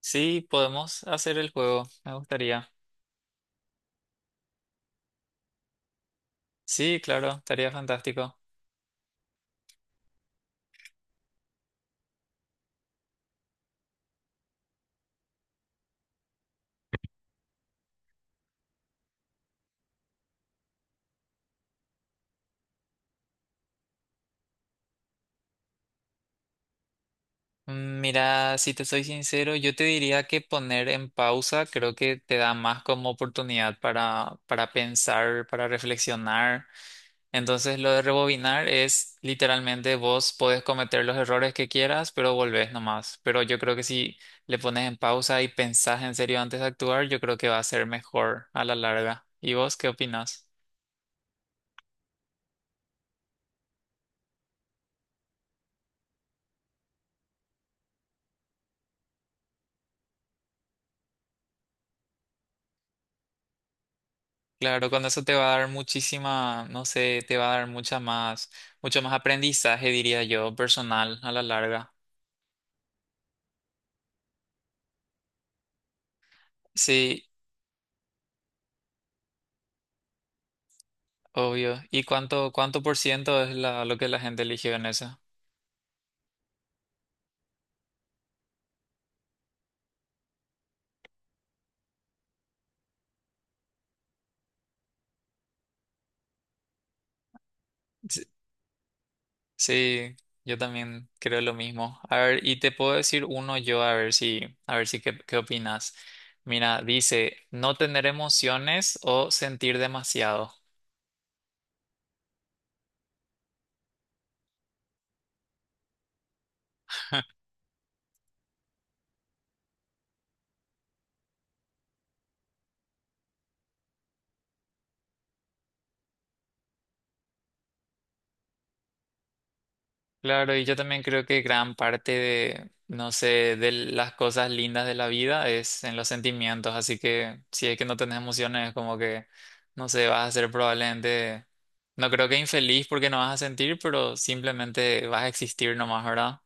Sí, podemos hacer el juego, me gustaría. Sí, claro, estaría fantástico. Mira, si te soy sincero, yo te diría que poner en pausa creo que te da más como oportunidad para pensar, para reflexionar. Entonces, lo de rebobinar es literalmente vos podés cometer los errores que quieras, pero volvés nomás. Pero yo creo que si le pones en pausa y pensás en serio antes de actuar, yo creo que va a ser mejor a la larga. ¿Y vos qué opinas? Claro, con eso te va a dar muchísima, no sé, te va a dar mucha más, mucho más aprendizaje, diría yo, personal a la larga. Sí, obvio. ¿Y cuánto por ciento es lo que la gente eligió en eso? Sí, sí, yo también creo lo mismo. A ver, y te puedo decir uno yo, a ver si qué opinas. Mira, dice, no tener emociones o sentir demasiado. Claro, y yo también creo que gran parte de, no sé, de las cosas lindas de la vida es en los sentimientos, así que si es que no tenés emociones, es como que, no sé, vas a ser probablemente, no creo que infeliz porque no vas a sentir, pero simplemente vas a existir nomás, ¿verdad?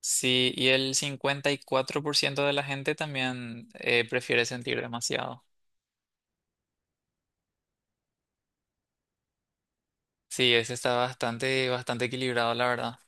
Sí, y el 54% de la gente también prefiere sentir demasiado. Sí, ese está bastante, bastante equilibrado, la verdad.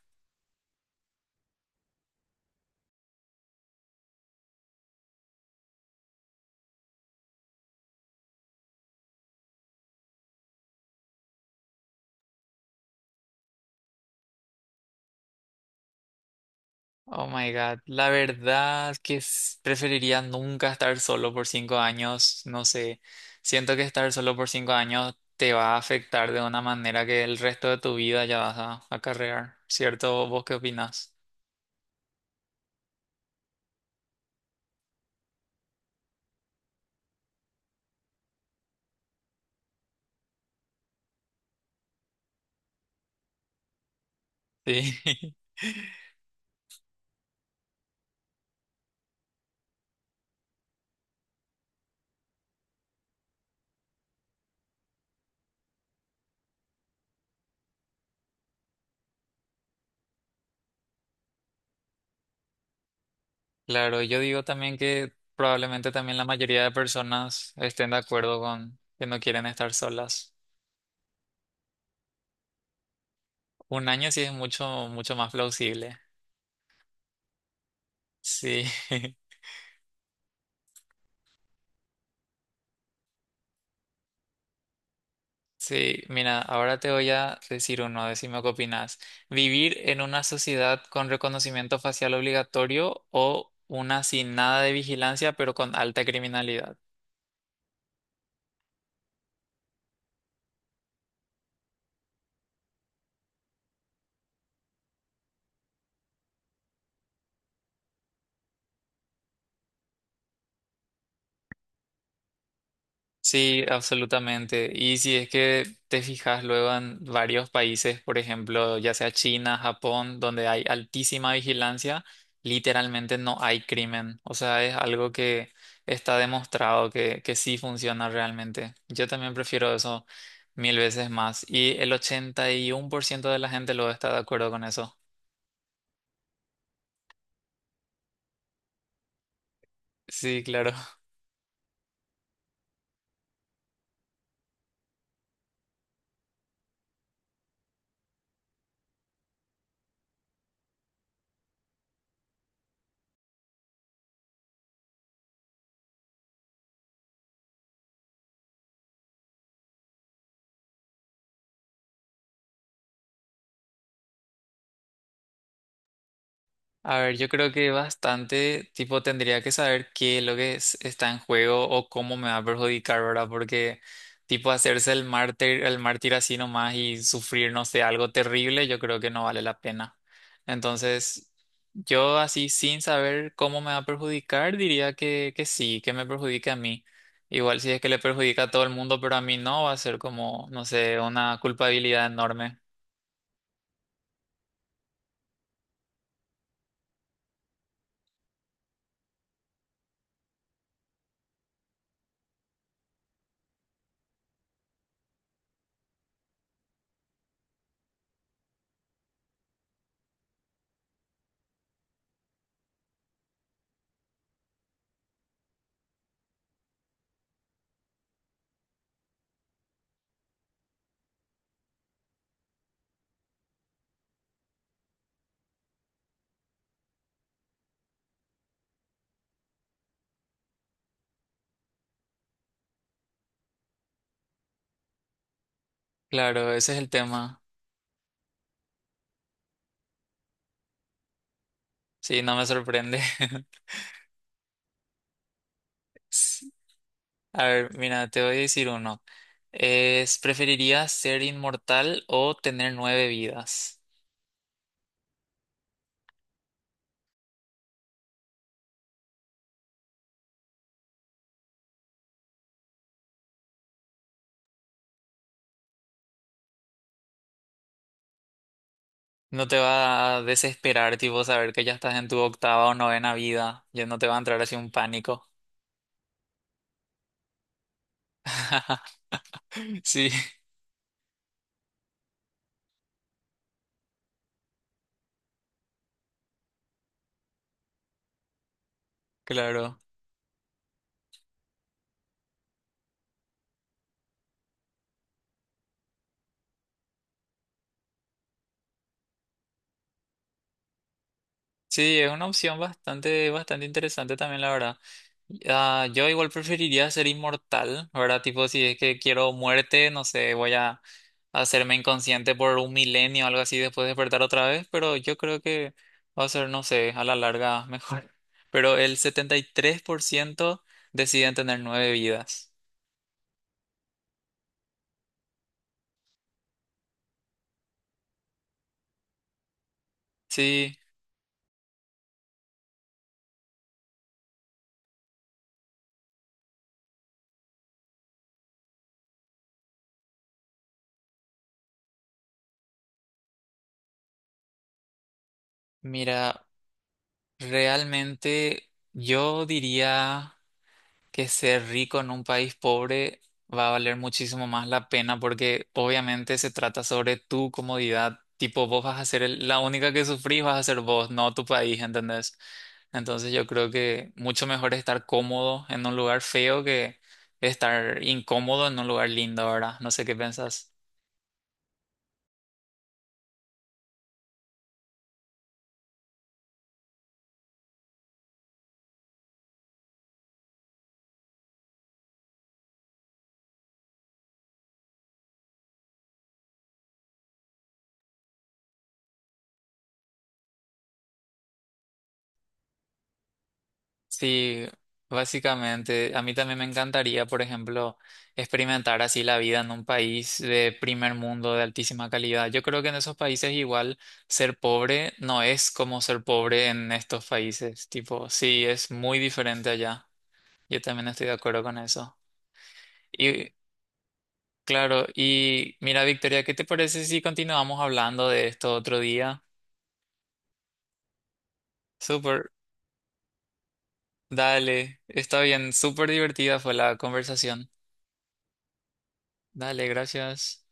Oh my God, la verdad que preferiría nunca estar solo por 5 años, no sé, siento que estar solo por cinco años te va a afectar de una manera que el resto de tu vida ya vas a acarrear, ¿cierto? ¿Vos qué opinás? Sí, claro, yo digo también que probablemente también la mayoría de personas estén de acuerdo con que no quieren estar solas. Un año sí es mucho, mucho más plausible, sí. Sí, mira, ahora te voy a decir uno, decime qué opinas. ¿Vivir en una sociedad con reconocimiento facial obligatorio o una sin nada de vigilancia pero con alta criminalidad? Sí, absolutamente. Y si es que te fijas luego en varios países, por ejemplo, ya sea China, Japón, donde hay altísima vigilancia, literalmente no hay crimen. O sea, es algo que está demostrado que sí funciona realmente. Yo también prefiero eso mil veces más. Y el 81% de la gente lo está de acuerdo con eso. Sí, claro. A ver, yo creo que bastante, tipo, tendría que saber qué es lo que está en juego o cómo me va a perjudicar, ¿verdad? Porque, tipo, hacerse el mártir así nomás y sufrir, no sé, algo terrible, yo creo que no vale la pena. Entonces, yo así, sin saber cómo me va a perjudicar, diría que sí, que me perjudique a mí. Igual si es que le perjudica a todo el mundo, pero a mí no, va a ser como, no sé, una culpabilidad enorme. Claro, ese es el tema. Sí, no me sorprende. A ver, mira, te voy a decir uno. Es, ¿preferirías ser inmortal o tener nueve vidas? No te va a desesperar, tipo, saber que ya estás en tu octava o novena vida. Ya no te va a entrar así un pánico. Sí, claro. Sí, es una opción bastante, bastante interesante también, la verdad. Ah, yo igual preferiría ser inmortal, ¿verdad? Tipo, si es que quiero muerte, no sé, voy a hacerme inconsciente por un milenio o algo así, después despertar otra vez, pero yo creo que va a ser, no sé, a la larga mejor. Pero el 73% deciden tener nueve vidas. Sí, mira, realmente yo diría... que ser rico en un país pobre va a valer muchísimo más la pena porque obviamente se trata sobre tu comodidad. Tipo, vos vas a ser la única que sufrís, vas a ser vos, no tu país, ¿entendés? Entonces yo creo que mucho mejor estar cómodo en un lugar feo que estar incómodo en un lugar lindo, ¿verdad? No sé qué pensás. Sí, básicamente, a mí también me encantaría, por ejemplo, experimentar así la vida en un país de primer mundo, de altísima calidad. Yo creo que en esos países igual ser pobre no es como ser pobre en estos países. Tipo, sí, es muy diferente allá. Yo también estoy de acuerdo con eso. Y claro, y mira, Victoria, ¿qué te parece si continuamos hablando de esto otro día? Súper, dale, está bien, súper divertida fue la conversación. Dale, gracias.